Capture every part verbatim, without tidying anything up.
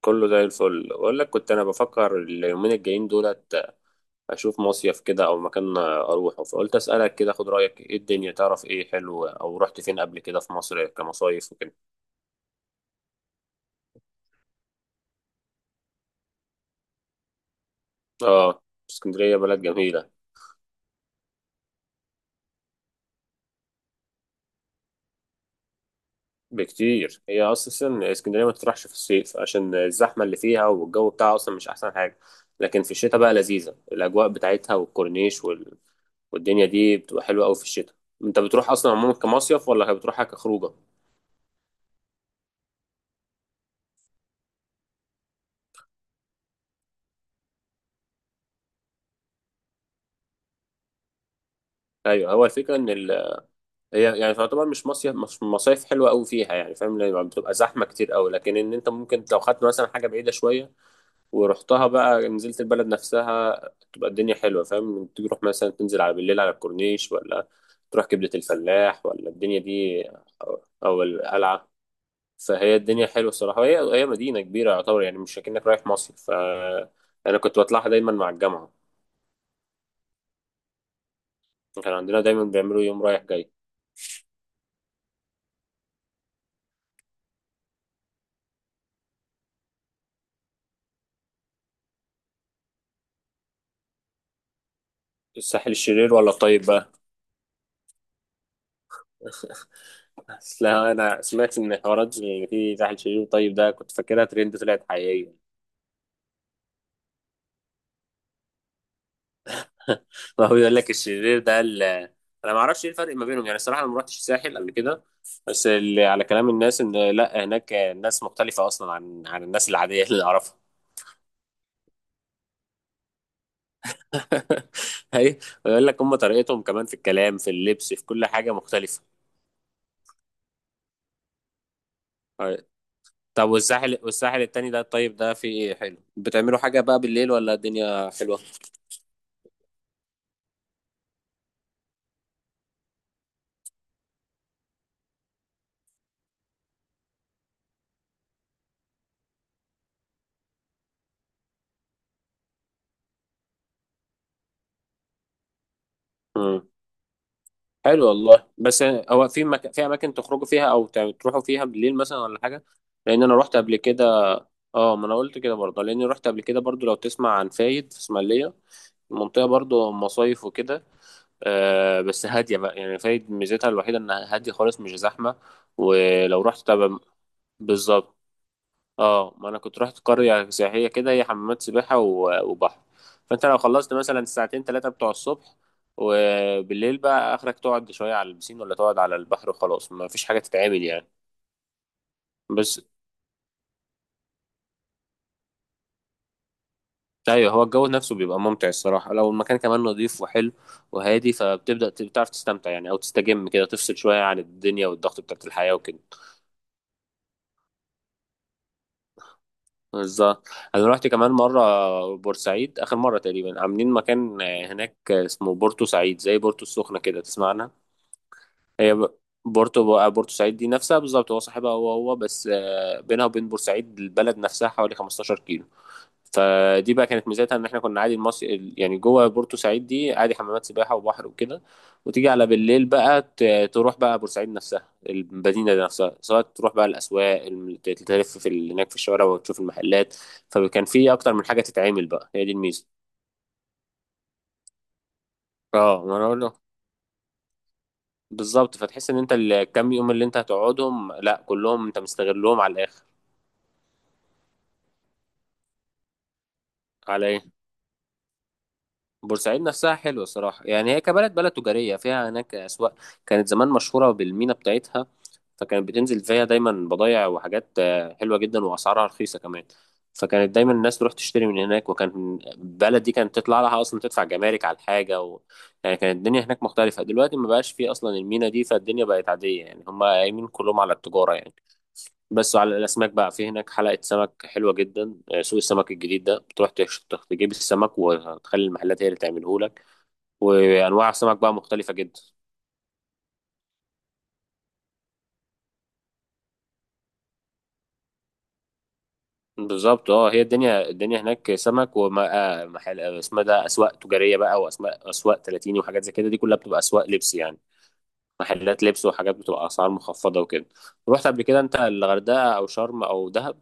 كله زي الفل، بقول لك كنت انا بفكر اليومين الجايين دولت اشوف مصيف كده او مكان اروحه. فقلت اسالك كده، خد رايك، ايه الدنيا؟ تعرف ايه حلو او رحت فين قبل كده في مصر كمصايف وكده؟ اه. اسكندريه بلد جميله. بكتير. هي اصلا اسكندريه ما تروحش في الصيف عشان الزحمه اللي فيها، والجو بتاعها اصلا مش احسن حاجه. لكن في الشتاء بقى لذيذه الاجواء بتاعتها والكورنيش وال... والدنيا دي بتبقى حلوه قوي في الشتاء. انت بتروح اصلا عموما كمصيف ولا بتروحها كخروجه؟ ايوه، هو الفكره ان ال... هي يعني تعتبر مش مصيف مش مصايف حلوه قوي فيها، يعني فاهم، لان بتبقى زحمه كتير قوي. لكن ان انت ممكن لو خدت مثلا حاجه بعيده شويه ورحتها بقى، نزلت البلد نفسها، تبقى الدنيا حلوه. فاهم، تروح مثلا تنزل على بالليل على الكورنيش ولا تروح كبده الفلاح ولا الدنيا دي، او أو القلعه. فهي الدنيا حلوه الصراحه. هي هي مدينه كبيره يعتبر، يعني مش اكنك رايح مصيف ف انا كنت بطلعها دايما مع الجامعه. كان عندنا دايما بيعملوا يوم رايح جاي. الساحل الشرير ولا الطيب بقى؟ اصل انا سمعت ان حوارات اللي فيه تحت الشرير طيب ده، كنت فاكرها ترند، طلعت حقيقيه. ما هو بيقول لك الشرير ده ال- انا ما اعرفش ايه الفرق ما بينهم، يعني الصراحه انا ما رحتش الساحل قبل كده. بس اللي على كلام الناس ان لا، هناك الناس مختلفه اصلا عن عن الناس العاديه اللي اعرفها. اي. ويقول لك هم طريقتهم كمان في الكلام، في اللبس، في كل حاجه مختلفه. أي. طب والساحل والساحل التاني ده طيب ده، فيه ايه حلو؟ بتعملوا حاجه بقى بالليل ولا الدنيا حلوه؟ حلو والله. بس هو في مك... في اماكن تخرجوا فيها او ت- تروحوا فيها بالليل مثلا ولا حاجه؟ لان انا رحت قبل كده. اه، ما انا قلت كده برضه لاني رحت قبل كده برضه. لو تسمع عن فايد في اسماعيليه، المنطقه برضه مصايف وكده. آه بس هاديه بقى يعني. فايد ميزتها الوحيده انها هاديه خالص، مش زحمه. ولو رحت تبقى بالظبط. اه، ما انا كنت رحت قرية سياحية كده، هي حمامات سباحة و- وبحر. فانت لو خلصت مثلا الساعتين ثلاثة بتوع الصبح، وبالليل بقى اخرك تقعد شوية على البسين ولا تقعد على البحر وخلاص، ما فيش حاجة تتعمل يعني. بس. ايوه، هو الجو نفسه بيبقى ممتع الصراحة لو المكان كمان نظيف وحلو وهادي، فبتبدأ ت- بتعرف تستمتع يعني او تستجم كده، تفصل شوية عن الدنيا والضغط بتاعت الحياة وكده. بالظبط. انا رحت كمان مرة بورسعيد اخر مرة تقريبا. عاملين مكان هناك اسمه بورتو سعيد زي بورتو السخنة كده، تسمع عنها؟ هي ب- بورتو بورتوسعيد دي نفسها بالظبط، هو صاحبها هو هو بس. آه، بينها وبين بورسعيد البلد نفسها حوالي 15 كيلو. فدي بقى كانت ميزتها ان احنا كنا عادي المص... يعني جوه بورتوسعيد دي عادي حمامات سباحه وبحر وكده. وتيجي على بالليل بقى ت- تروح بقى بورسعيد نفسها، المدينه دي نفسها، سواء تروح بقى الاسواق، الم- تلف في ال- هناك في الشوارع وتشوف المحلات. فكان في اكتر من حاجه تتعمل بقى، هي دي الميزه. اه، ما انا اقول له بالظبط. فتحس ان انت الكام يوم اللي انت هتقعدهم لا، كلهم انت مستغلهم على الاخر. على ايه؟ بورسعيد نفسها حلوه صراحه. يعني هي كبلد، بلد تجاريه فيها هناك اسواق. كانت زمان مشهوره بالمينا بتاعتها. فكانت بتنزل فيها دايما بضايع وحاجات آه، حلوه جدا واسعارها رخيصه كمان. فكانت دايما الناس تروح تشتري من هناك، وكان البلد دي كانت تطلع لها اصلا تدفع جمارك على الحاجه و... يعني كانت الدنيا هناك مختلفه. دلوقتي ما بقاش فيه اصلا المينا دي، فالدنيا بقت عاديه، يعني هم قايمين كلهم على التجاره يعني. بس على الاسماك بقى، في هناك حلقه سمك حلوه جدا. آه، سوق السمك الجديد ده بتروح تش- تجيب السمك وتخلي المحلات هي اللي تعمله لك. وانواع سمك بقى مختلفه جدا. بالظبط. اه، هي الدنيا الدنيا هناك سمك. ومحل اسمها ده اسواق تجاريه بقى، واسماء اسواق تلاتين وحاجات زي كده، دي كلها بتبقى اسواق لبس يعني. محلات لبس وحاجات بتبقى اسعار مخفضه وكده. رحت قبل كده انت الغردقه او شرم او دهب؟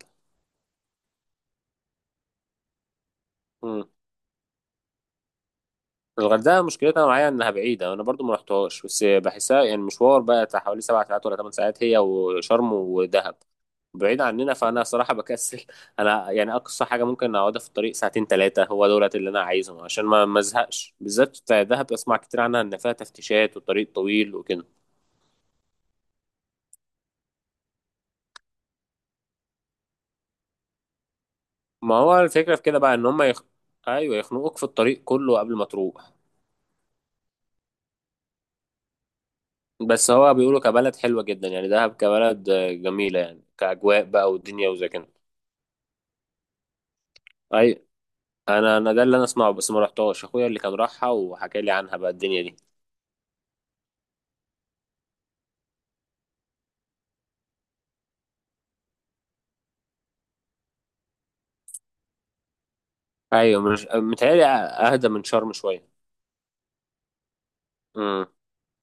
الغردقة مشكلتها معايا إنها بعيدة. أنا برضو ما رحتهاش، بس بحسها يعني مشوار بقى بتاع حوالي سبع ساعات ولا ثمان ساعات، هي وشرم ودهب. بعيد عننا، فأنا صراحة بكسل. أنا يعني أقصى حاجة ممكن أقعدها في الطريق ساعتين ثلاثة هو دولت اللي أنا عايزهم، عشان ما ما أزهقش. بالذات بتاع دهب أسمع كتير عنها إن فيها تفتيشات والطريق طويل وكده. ما هو الفكرة في كده بقى إن هم يخ... أيوه، يخنقوك في الطريق كله قبل ما تروح. بس هو بيقولوا كبلد حلوة جدا يعني، دهب كبلد آه، جميلة يعني، كأجواء بقى والدنيا وزي كده. أيوة. انا انا ده اللي انا اسمعه بس ما رحتهاش. اخويا اللي كان راحها وحكى لي عنها بقى الدنيا دي. ايوه، مش متهيألي اهدى من شرم شويه. امم.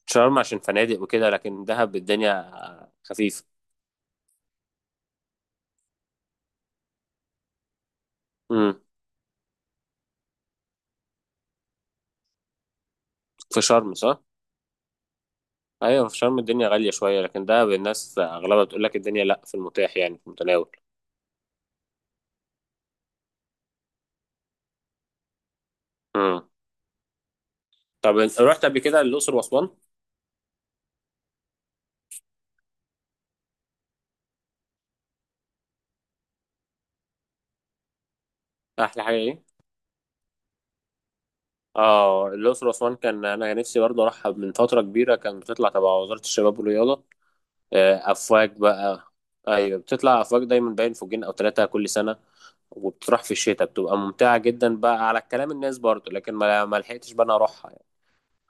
شرم عشان فنادق وكده، لكن دهب الدنيا خفيفه. امم. في شرم صح؟ ايوه، في شرم الدنيا غاليه شويه، لكن دهب الناس اغلبها بتقول لك الدنيا لا، في المتاح يعني في المتناول. امم. طب انت رحت قبل كده الاقصر واسوان؟ احلى حاجه ايه؟ اه، الاقصر واسوان كان انا نفسي برضه اروحها من فتره كبيره. كان بتطلع تبع وزاره الشباب والرياضه آه، افواج بقى. ايوه، بتطلع افواج دايما، باين فوجين او ثلاثه كل سنه. وبتروح في الشتاء بتبقى ممتعه جدا بقى على كلام الناس برضو، لكن ما ما لحقتش بقى انا اروحها يعني.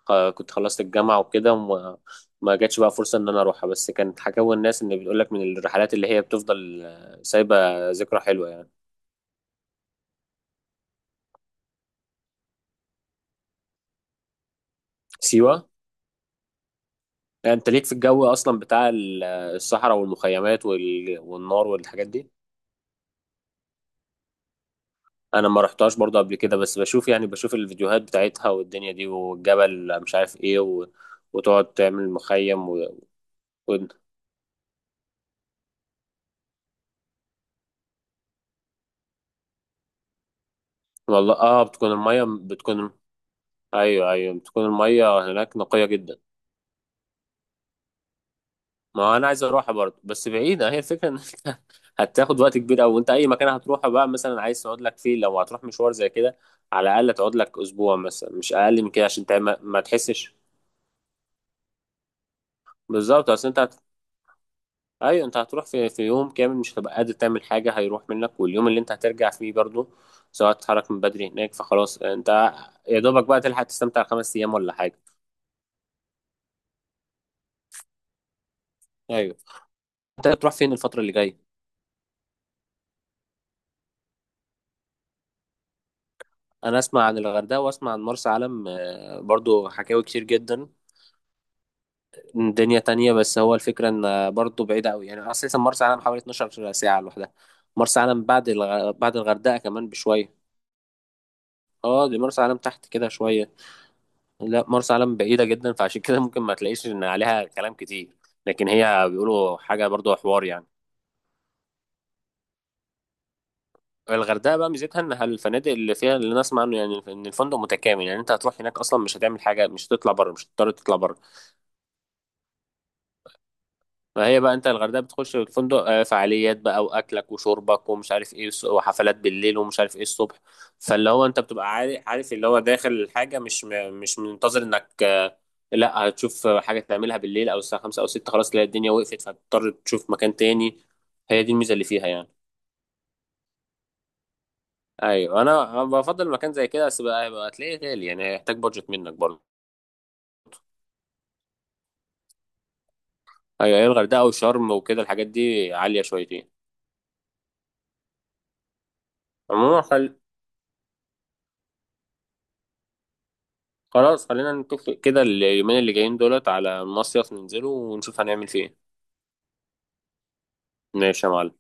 خ- كنت خلصت الجامعه وكده وما ما جاتش بقى فرصه ان انا اروحها، بس كانت حكاوي الناس ان بيقول لك من الرحلات اللي هي بتفضل آه، سايبه. ذكرى حلوه يعني. سيوه. يعني انت ليك في الجو اصلا بتاع ال- الصحراء والمخيمات وال... والنار والحاجات دي. انا ما رحتهاش برضه قبل كده، بس بشوف يعني بشوف الفيديوهات بتاعتها والدنيا دي والجبل مش عارف ايه و... وتقعد تعمل مخيم و... و... والله، اه. بتكون المية بتكون. ايوه، ايوه، بتكون المية هناك نقية جدا. ما هو انا عايز اروحها برضه، بس بعيدة. هي الفكرة ان انت هتاخد وقت كبير قوي. وانت اي مكان هتروحه بقى مثلا عايز تقعد لك فيه لو هتروح مشوار زي كده، على الاقل تقعد لك اسبوع مثلا، مش اقل من كده، عشان تعمل ما تحسش. بالظبط. اصل انت ايوه، انت هتروح في في يوم كامل مش هتبقى قادر تعمل حاجه، هيروح منك، واليوم اللي انت هترجع فيه برضه، سواء تتحرك من بدري هناك، فخلاص انت يا دوبك بقى تلحق تستمتع خمس ايام ولا حاجه. ايوه. انت هتروح فين الفتره اللي جايه؟ انا اسمع عن الغردقه واسمع عن مرسى علم آه، برضه حكاوي كتير جدا. دنيا تانية. بس هو الفكره ان برضه بعيده قوي، يعني اساسا مرسى علم حوالي 12 ساعه لوحدها. مرسى علم بعد الغ... بعد الغردقه كمان بشويه. اه، دي مرسى علم تحت كده شويه. لا، مرسى علم بعيدة جدا، فعشان كده ممكن ما تلاقيش ان عليها كلام كتير. لكن هي بيقولوا حاجة برضو حوار يعني. الغردقة بقى ميزتها انها الفنادق اللي فيها اللي نسمع عنه، يعني ان الفندق متكامل. يعني انت هتروح هناك اصلا مش هتعمل حاجة، مش هتطلع بره، مش هتضطر تطلع بره. فهي بقى انت الغردقة بتخش الفندق، آه، فعاليات بقى واكلك وشربك ومش عارف ايه، وس- وحفلات بالليل ومش عارف ايه الصبح. فاللي هو انت بتبقى عارف عارف اللي هو داخل الحاجة، مش م- مش منتظر انك لا هتشوف حاجة تعملها بالليل أو الساعة خمسة أو ستة خلاص تلاقي الدنيا وقفت، فهتضطر تشوف مكان تاني. هي دي الميزة اللي فيها يعني. أيوة، أنا بفضل مكان زي كده. بس بقى بقى هتلاقيه غالي يعني، هيحتاج بادجت منك برضه. أيوة، هي الغردقة وشرم وكده الحاجات دي عالية شويتين. عموما خل... خلاص، خلينا نتفق كده اليومين اللي جايين دولت على المصيف ننزله ونشوف هنعمل فيه إيه. ماشي يا معلم.